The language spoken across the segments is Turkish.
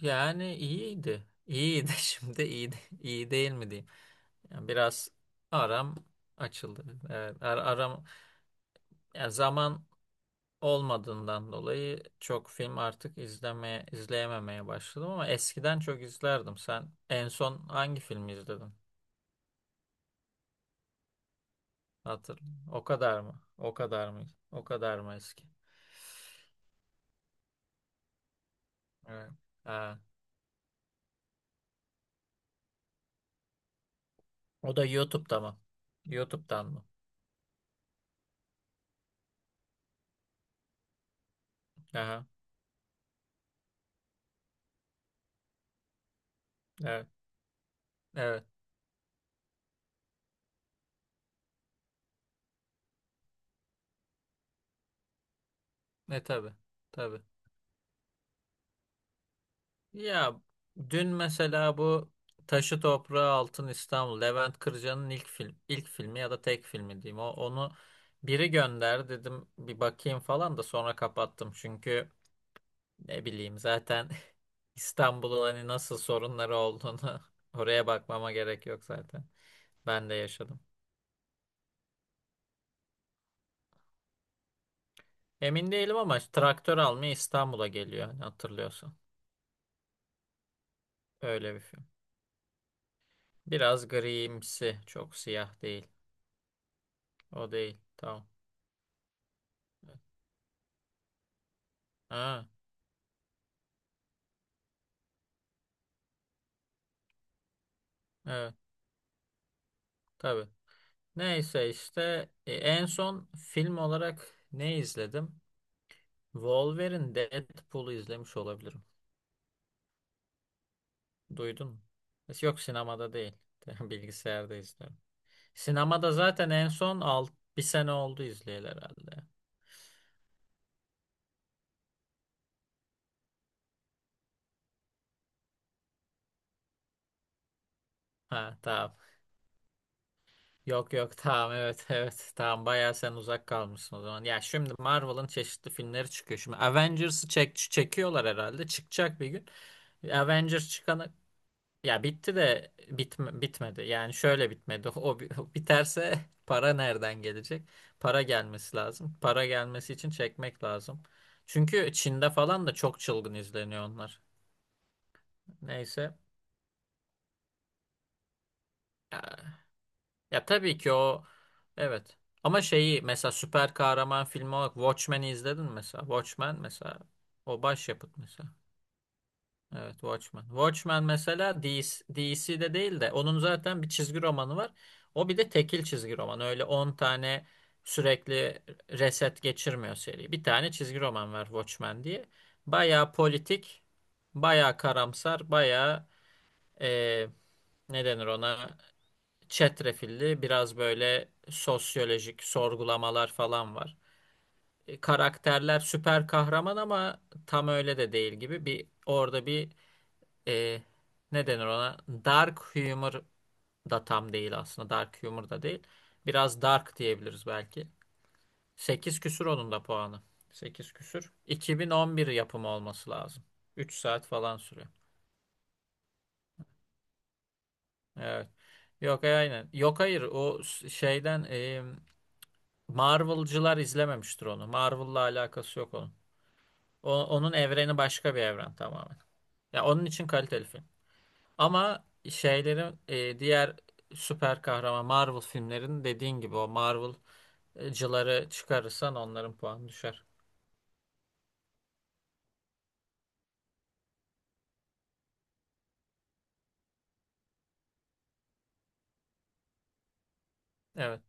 Yani iyiydi. İyiydi şimdi iyi değil mi diyeyim. Yani biraz aram açıldı. Evet, aram, yani zaman olmadığından dolayı çok film artık izleyememeye başladım, ama eskiden çok izlerdim. Sen en son hangi filmi izledin? Hatır. O kadar mı? O kadar mı? O kadar mı eski? Evet. Ha. O da YouTube'da mı? YouTube'dan mı? Aha. Evet. Evet. Ne tabii. Tabii. Ya dün mesela bu Taşı Toprağı Altın İstanbul, Levent Kırca'nın ilk filmi ya da tek filmi diyeyim. O, onu biri gönder dedim, bir bakayım falan, da sonra kapattım. Çünkü ne bileyim zaten İstanbul'un hani nasıl sorunları olduğunu oraya bakmama gerek yok zaten. Ben de yaşadım. Emin değilim ama işte traktör almaya İstanbul'a geliyor, hani hatırlıyorsun. Öyle bir film. Biraz grimsi, çok siyah değil. O değil. Tamam. Evet. Ha. Evet. Tabii. Neyse işte, en son film olarak ne izledim? Wolverine Deadpool'u izlemiş olabilirim. Duydun mu? Yok, sinemada değil. Bilgisayarda izliyorum. Sinemada zaten en son, bir sene oldu izleyeli herhalde. Ha tamam. Yok, yok, tamam, evet, evet, tamam, bayağı sen uzak kalmışsın o zaman. Ya şimdi Marvel'ın çeşitli filmleri çıkıyor. Şimdi Avengers'ı çekiyorlar herhalde. Çıkacak bir gün. Avengers çıkana Ya bitti de, bitmedi. Yani şöyle bitmedi. O biterse para nereden gelecek? Para gelmesi lazım. Para gelmesi için çekmek lazım. Çünkü Çin'de falan da çok çılgın izleniyor onlar. Neyse. Ya, ya, tabii ki o, evet. Ama şeyi mesela süper kahraman filmi olarak Watchmen'i izledin mi mesela. Watchmen mesela o başyapıt mesela. Evet, Watchmen. Watchmen mesela DC'de değil de, onun zaten bir çizgi romanı var. O bir de tekil çizgi roman. Öyle 10 tane sürekli reset geçirmiyor seri. Bir tane çizgi roman var Watchmen diye. Bayağı politik, bayağı karamsar, bayağı, eee ne denir ona, çetrefilli biraz böyle sosyolojik sorgulamalar falan var. Karakterler süper kahraman ama tam öyle de değil gibi, bir orada bir, e, ne denir ona? Dark humor da tam değil aslında. Dark humor da değil. Biraz dark diyebiliriz belki. Sekiz küsür onun da puanı. Sekiz küsür. 2011 yapımı olması lazım. 3 saat falan sürüyor. Evet. Yok, aynen. Yok, hayır, şeyden, Marvel'cılar izlememiştir onu. Marvel'la alakası yok onun. Onun evreni başka bir evren tamamen. Ya onun için kaliteli film. Ama şeylerin, diğer süper kahraman Marvel filmlerin dediğin gibi o Marvel'cıları çıkarırsan onların puanı düşer. Evet.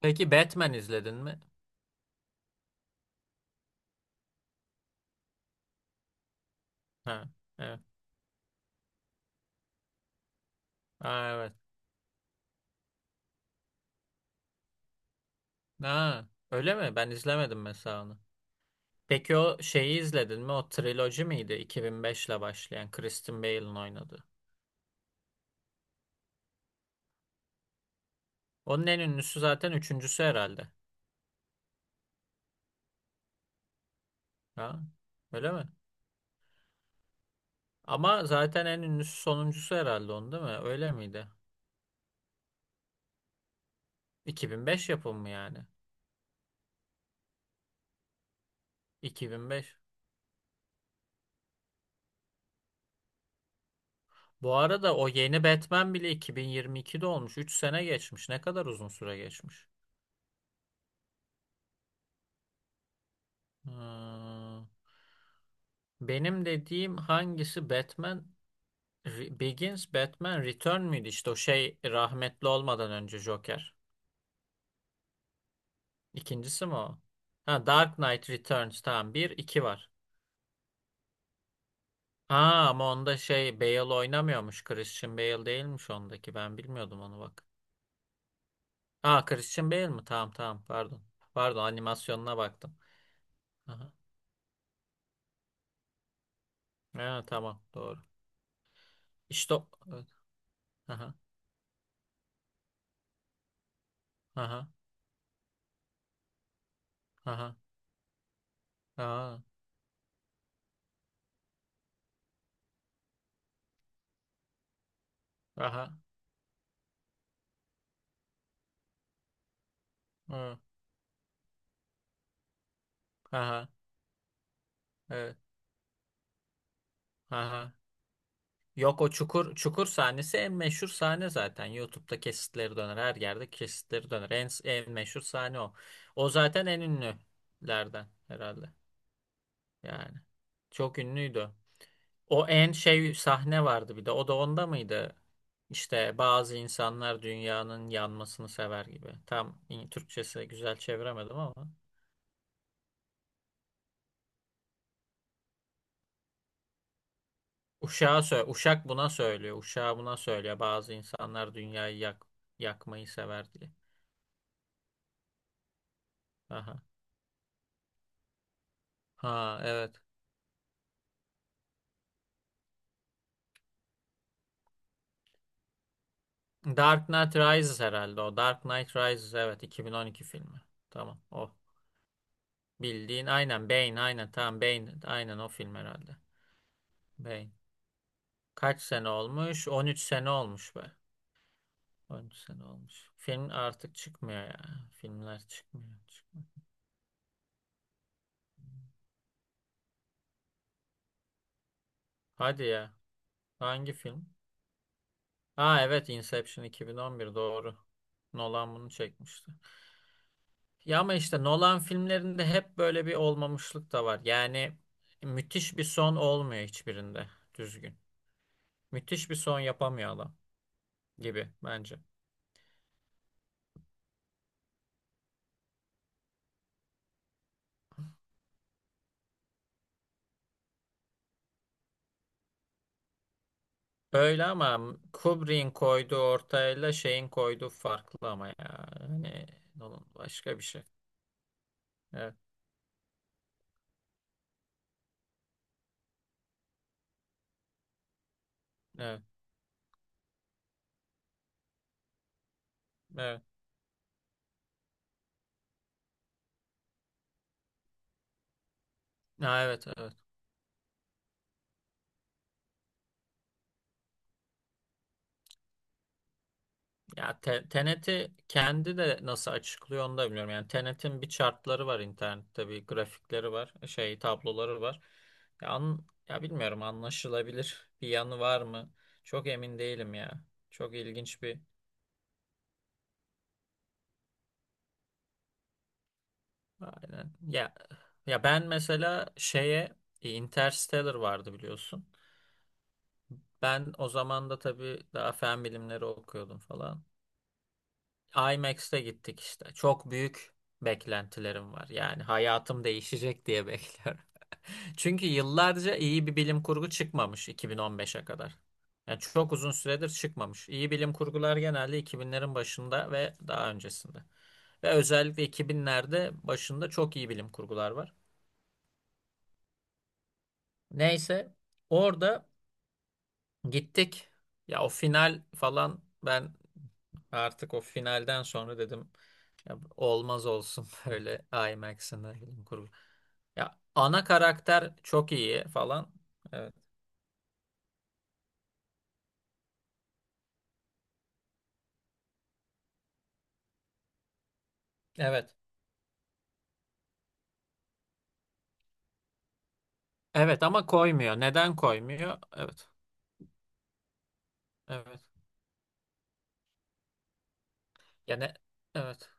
Peki Batman izledin mi? Ha, evet. Ha, evet. Ha, öyle mi? Ben izlemedim mesela onu. Peki o şeyi izledin mi? O triloji miydi? 2005 ile başlayan Christian Bale'ın oynadığı. Onun en ünlüsü zaten üçüncüsü herhalde. Ha, öyle mi? Ama zaten en ünlüsü sonuncusu herhalde, onun değil mi? Öyle miydi? 2005 yapımı yani? 2005. Bu arada o yeni Batman bile 2022'de olmuş. 3 sene geçmiş. Ne kadar uzun süre geçmiş. Hmm. Benim dediğim hangisi, Batman Begins, Batman Return müydü? İşte o şey rahmetli olmadan önce Joker. İkincisi mi o? Ha, Dark Knight Returns, tamam, bir 2 var. Aa ama onda şey Bale oynamıyormuş. Christian Bale değilmiş ondaki. Ben bilmiyordum onu bak. Aa, Christian Bale mi? Tamam, tamam, pardon. Pardon, animasyonuna baktım. Aha. Ha, tamam, doğru. İşte evet. Aha. Aha. Aha. Aha. Aha. Hı. Aha. Evet. Aha. Yok, o çukur sahnesi en meşhur sahne zaten. YouTube'da kesitleri döner. Her yerde kesitleri döner. En meşhur sahne o. O zaten en ünlülerden herhalde. Yani. Çok ünlüydü. O en şey sahne vardı bir de. O da onda mıydı? İşte bazı insanlar dünyanın yanmasını sever gibi. Tam Türkçesi güzel çeviremedim ama. Uşağa sö Uşak buna söylüyor. Uşağa buna söylüyor. Bazı insanlar dünyayı yakmayı sever diye. Aha. Ha evet. Dark Knight Rises herhalde o. Dark Knight Rises, evet, 2012 filmi. Tamam o. Bildiğin aynen Bane, aynen, tamam, Bane, aynen, o film herhalde. Bane. Kaç sene olmuş? 13 sene olmuş be. 13 sene olmuş. Film artık çıkmıyor ya. Filmler çıkmıyor, çıkmıyor. Hadi ya. Hangi film? Ha evet, Inception 2011 doğru. Nolan bunu çekmişti. Ya ama işte Nolan filmlerinde hep böyle bir olmamışlık da var. Yani müthiş bir son olmuyor hiçbirinde düzgün. Müthiş bir son yapamıyor adam gibi bence. Öyle ama Kubrick'in koyduğu ortayla şeyin koyduğu farklı ama ya, hani Nolan başka bir şey. Evet, evet, evet. Ha, evet, evet. Ya Tenet'i kendi de nasıl açıklıyor onu da bilmiyorum. Yani Tenet'in bir chartları var internette, bir grafikleri var, şey, tabloları var. Ya, ya bilmiyorum, anlaşılabilir bir yanı var mı? Çok emin değilim ya. Çok ilginç bir, aynen. Ya ben mesela şeye, Interstellar vardı, biliyorsun. Ben o zaman da tabii daha fen bilimleri okuyordum falan. IMAX'te gittik işte. Çok büyük beklentilerim var. Yani hayatım değişecek diye bekliyorum. Çünkü yıllarca iyi bir bilim kurgu çıkmamış 2015'e kadar. Yani çok uzun süredir çıkmamış. İyi bilim kurgular genelde 2000'lerin başında ve daha öncesinde. Ve özellikle 2000'lerde başında çok iyi bilim kurgular var. Neyse, orada gittik. Ya o final falan, ben artık o finalden sonra dedim, ya olmaz olsun böyle IMAX'in de bilim kurgu. Ya ana karakter çok iyi falan. Evet. Evet. Evet ama koymuyor. Neden koymuyor? Evet. Evet. Yani evet.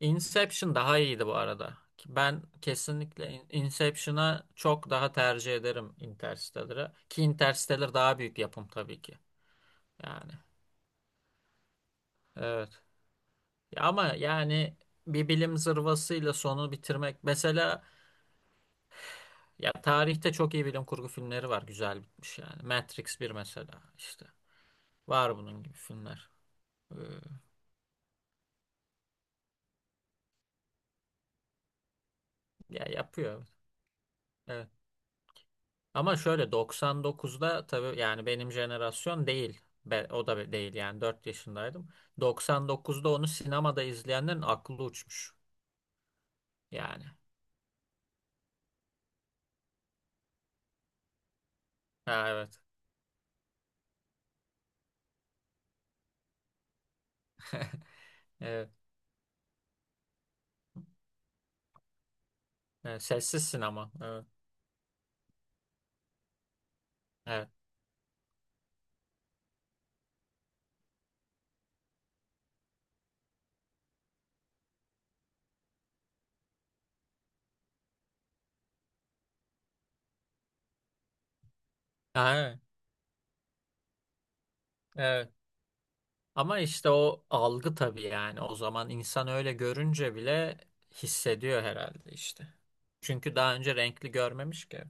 Inception daha iyiydi bu arada. Ben kesinlikle Inception'a çok daha tercih ederim Interstellar'a. Ki Interstellar daha büyük yapım tabii ki. Yani evet. Ya ama yani bir bilim zırvasıyla sonu bitirmek mesela, ya tarihte çok iyi bilim kurgu filmleri var güzel bitmiş yani. Matrix bir mesela işte. Var bunun gibi filmler. Ee, ya yapıyor. Evet. Ama şöyle 99'da tabii yani benim jenerasyon değil. O da değil yani, 4 yaşındaydım. 99'da onu sinemada izleyenlerin aklı uçmuş. Yani. Ha, evet. Evet. Evet, sessiz sinema. Evet. Evet. Ha, evet. Evet. Ama işte o algı tabii yani. O zaman insan öyle görünce bile hissediyor herhalde işte. Çünkü daha önce renkli görmemiş ki.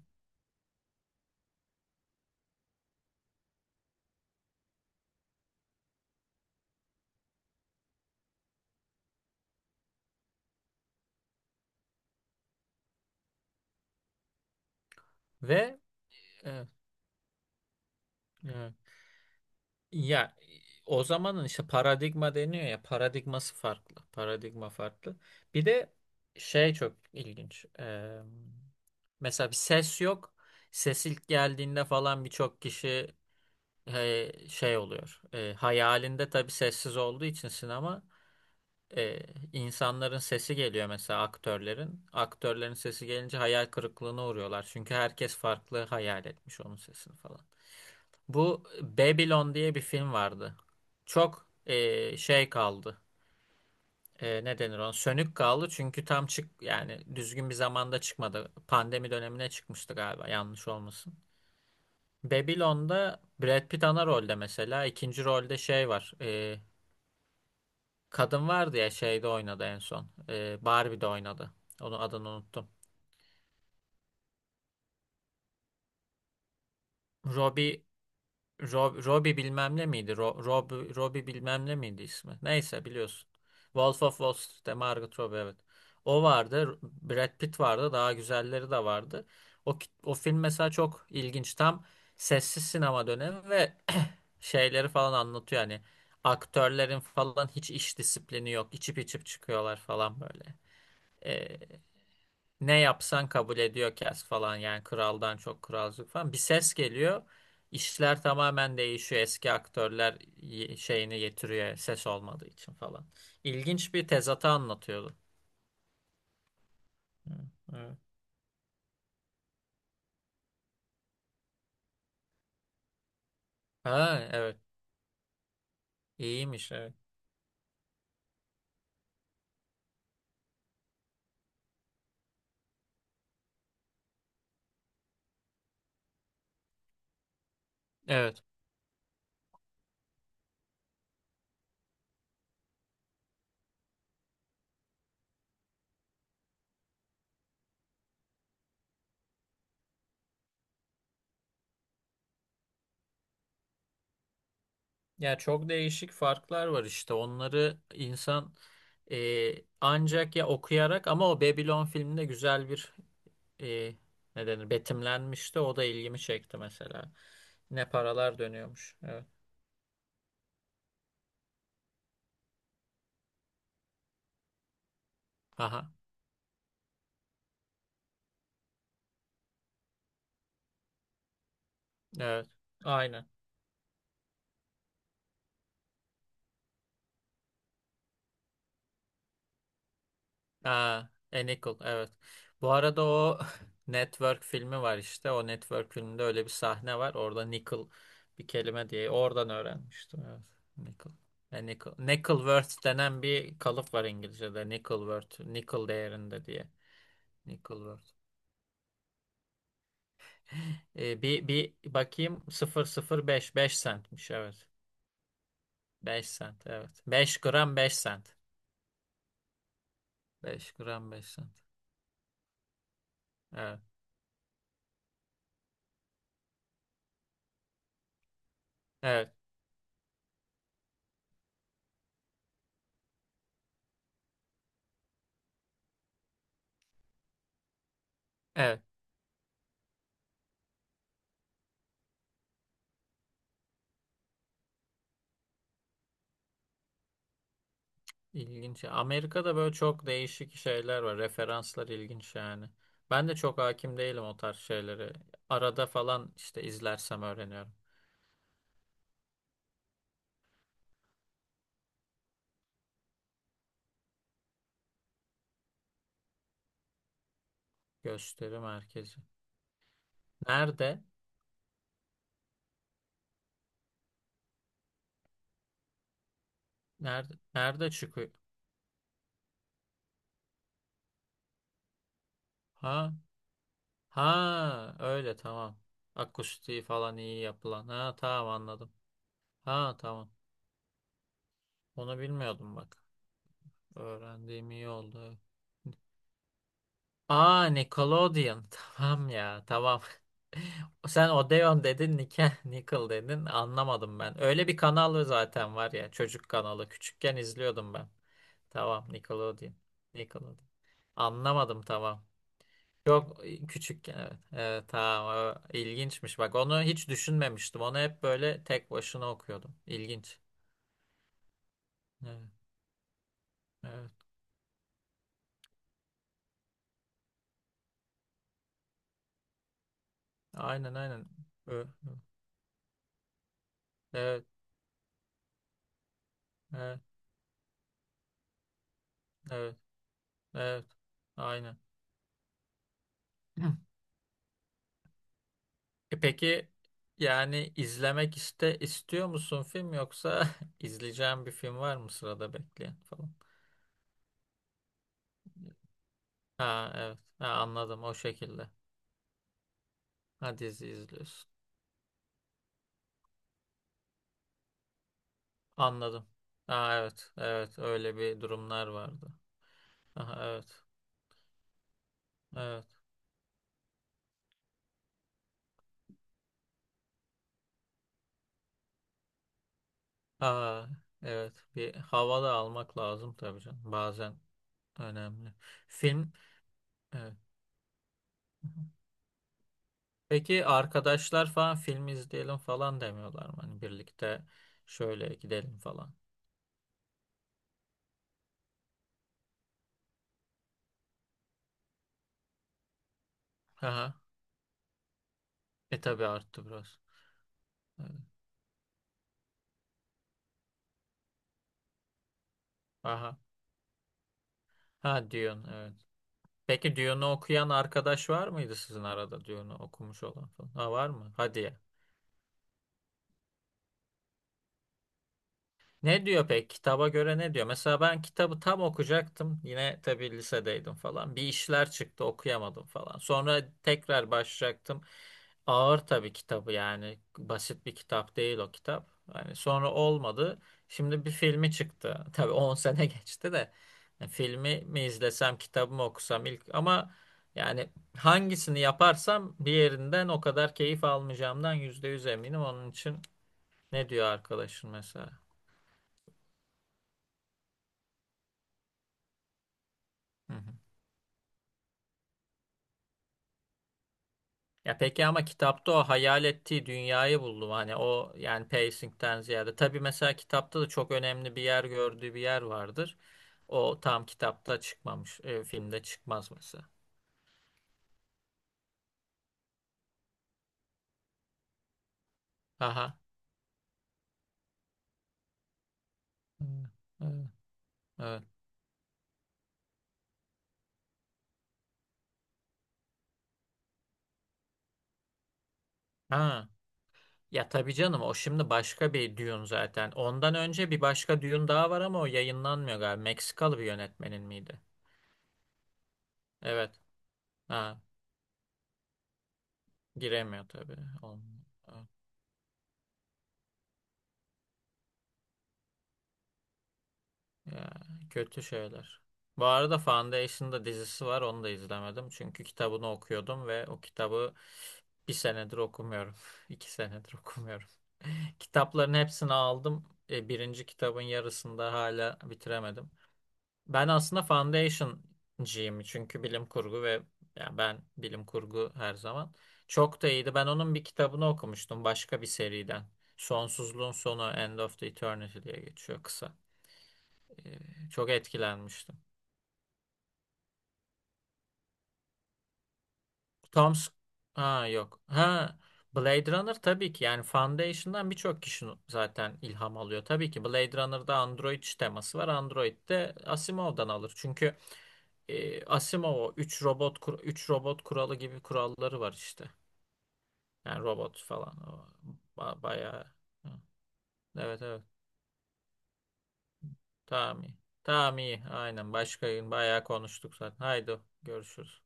Ve evet, evet. Ya o zamanın işte paradigma deniyor ya, paradigması farklı. Paradigma farklı. Bir de şey çok ilginç. Mesela bir ses yok. Ses ilk geldiğinde falan birçok kişi, şey oluyor. Hayalinde tabii sessiz olduğu için sinema, e, insanların sesi geliyor mesela, aktörlerin. Aktörlerin sesi gelince hayal kırıklığına uğruyorlar. Çünkü herkes farklı hayal etmiş onun sesini falan. Bu Babylon diye bir film vardı. Çok, şey kaldı. Ne denir ona? Sönük kaldı çünkü tam yani düzgün bir zamanda çıkmadı. Pandemi dönemine çıkmıştı galiba, yanlış olmasın. Babylon'da Brad Pitt ana rolde mesela. İkinci rolde şey var. Kadın vardı ya, şeyde oynadı en son. Barbie'de oynadı. Onun adını unuttum. Robbie. Robbie bilmem ne miydi? Robbie bilmem ne miydi ismi? Neyse, biliyorsun. Wolf of Wall Street'te Margot Robbie, evet. O vardı. Brad Pitt vardı. Daha güzelleri de vardı. O, o film mesela çok ilginç. Tam sessiz sinema dönemi ve şeyleri falan anlatıyor. Yani aktörlerin falan hiç iş disiplini yok. İçip içip çıkıyorlar falan böyle. Ee, ne yapsan kabul ediyor, kes falan yani, kraldan çok kralcık falan. Bir ses geliyor. İşler tamamen değişiyor. Eski aktörler şeyini getiriyor ses olmadığı için falan. İlginç bir tezatı anlatıyordu. Hı, evet. Ha, evet. İyiymiş, evet. Evet. Ya çok değişik farklar var işte. Onları insan, e, ancak ya okuyarak, ama o Babylon filminde güzel bir, e, ne denir, betimlenmişti. O da ilgimi çekti mesela. Ne paralar dönüyormuş. Evet. Aha. Evet. Aynen. Aa, a Nickel. Evet. Bu arada o Network filmi var işte. O Network filminde öyle bir sahne var. Orada Nickel bir kelime diye. Oradan öğrenmiştim. Evet. Nickel. A Nickel. Nickelworth denen bir kalıp var İngilizce'de. Nickelworth. Nickel değerinde diye. Nickelworth. Bir bakayım, sıfır sıfır beş, 5 centmiş, evet. 5 sent, evet. 5 gram 5 sent. 5 gram 5 sent. Evet. Evet. Evet. İlginç. Amerika'da böyle çok değişik şeyler var. Referanslar ilginç yani. Ben de çok hakim değilim o tarz şeyleri. Arada falan işte izlersem öğreniyorum. Gösteri merkezi. Nerede? Nerede? Nerede çıkıyor? Ha? Ha, öyle, tamam. Akustiği falan iyi yapılan. Ha, tamam, anladım. Ha, tamam. Onu bilmiyordum bak. Öğrendiğim iyi oldu, evet. Aa, Nickelodeon. Tamam ya, tamam. Sen Odeon dedin, Nickel dedin. Anlamadım ben. Öyle bir kanal zaten var ya. Çocuk kanalı. Küçükken izliyordum ben. Tamam, Nickelodeon. Nickelodeon. Anlamadım, tamam. Çok, küçükken, evet. Evet, tamam. O İlginçmiş. Bak onu hiç düşünmemiştim. Onu hep böyle tek başına okuyordum. İlginç. Evet. Evet. Aynen, aynen. Ö- Evet. Evet. Evet. Evet. Aynen. Peki yani izlemek istiyor musun film, yoksa izleyeceğin bir film var mı sırada bekleyen falan? Ha, evet. Ha, anladım, o şekilde. Ha, dizi izliyorsun. Anladım. Ha, evet. Evet, öyle bir durumlar vardı. Aha, evet. Evet. Ha, evet. Bir hava da almak lazım tabii canım. Bazen önemli. Film, evet. Peki arkadaşlar falan film izleyelim falan demiyorlar mı? Hani birlikte şöyle gidelim falan. Aha. Tabii arttı biraz. Evet. Aha. Ha, Dune, evet. Peki Dune'u okuyan arkadaş var mıydı sizin arada, Dune'u okumuş olan falan? Ha, var mı? Hadi ya. Ne diyor pek? Kitaba göre ne diyor? Mesela ben kitabı tam okuyacaktım. Yine tabii lisedeydim falan. Bir işler çıktı, okuyamadım falan. Sonra tekrar başlayacaktım. Ağır tabii kitabı yani. Basit bir kitap değil o kitap. Yani sonra olmadı. Şimdi bir filmi çıktı. Tabii 10 sene geçti de. Yani filmi mi izlesem, kitabı mı okusam ilk, ama yani hangisini yaparsam diğerinden o kadar keyif almayacağımdan %100 eminim. Onun için ne diyor arkadaşın mesela? Hı hı. Ya peki ama kitapta o hayal ettiği dünyayı buldum. Hani o, yani, pacing'ten ziyade. Tabii mesela kitapta da çok önemli bir yer, gördüğü bir yer vardır. O tam kitapta çıkmamış, filmde çıkmaz mesela. Aha. Evet. Evet, evet. Ha. Ya tabii canım o şimdi başka bir Dune zaten. Ondan önce bir başka Dune daha var ama o yayınlanmıyor galiba. Meksikalı bir yönetmenin miydi? Evet. Ha. Giremiyor tabii. Olmuyor. Evet. Ya, kötü şeyler. Bu arada Foundation'da dizisi var. Onu da izlemedim. Çünkü kitabını okuyordum ve o kitabı bir senedir okumuyorum. 2 senedir okumuyorum. Kitapların hepsini aldım. Birinci kitabın yarısında hala bitiremedim. Ben aslında Foundation'cıyım. Çünkü bilim kurgu ve, ya ben bilim kurgu her zaman. Çok da iyiydi. Ben onun bir kitabını okumuştum başka bir seriden. Sonsuzluğun sonu, End of the Eternity diye geçiyor kısa. E, çok etkilenmiştim. Tom Sc- ha yok. Ha, Blade Runner tabii ki yani, Foundation'dan birçok kişi zaten ilham alıyor. Tabii ki Blade Runner'da Android teması var. Android de Asimov'dan alır. Çünkü, Asimov o 3 robot üç robot kuralı gibi kuralları var işte. Yani robot falan o, bayağı. Hı. Evet, evet. Tamam, iyi. Tamam, iyi. Aynen. Başka gün bayağı konuştuk zaten. Haydi görüşürüz.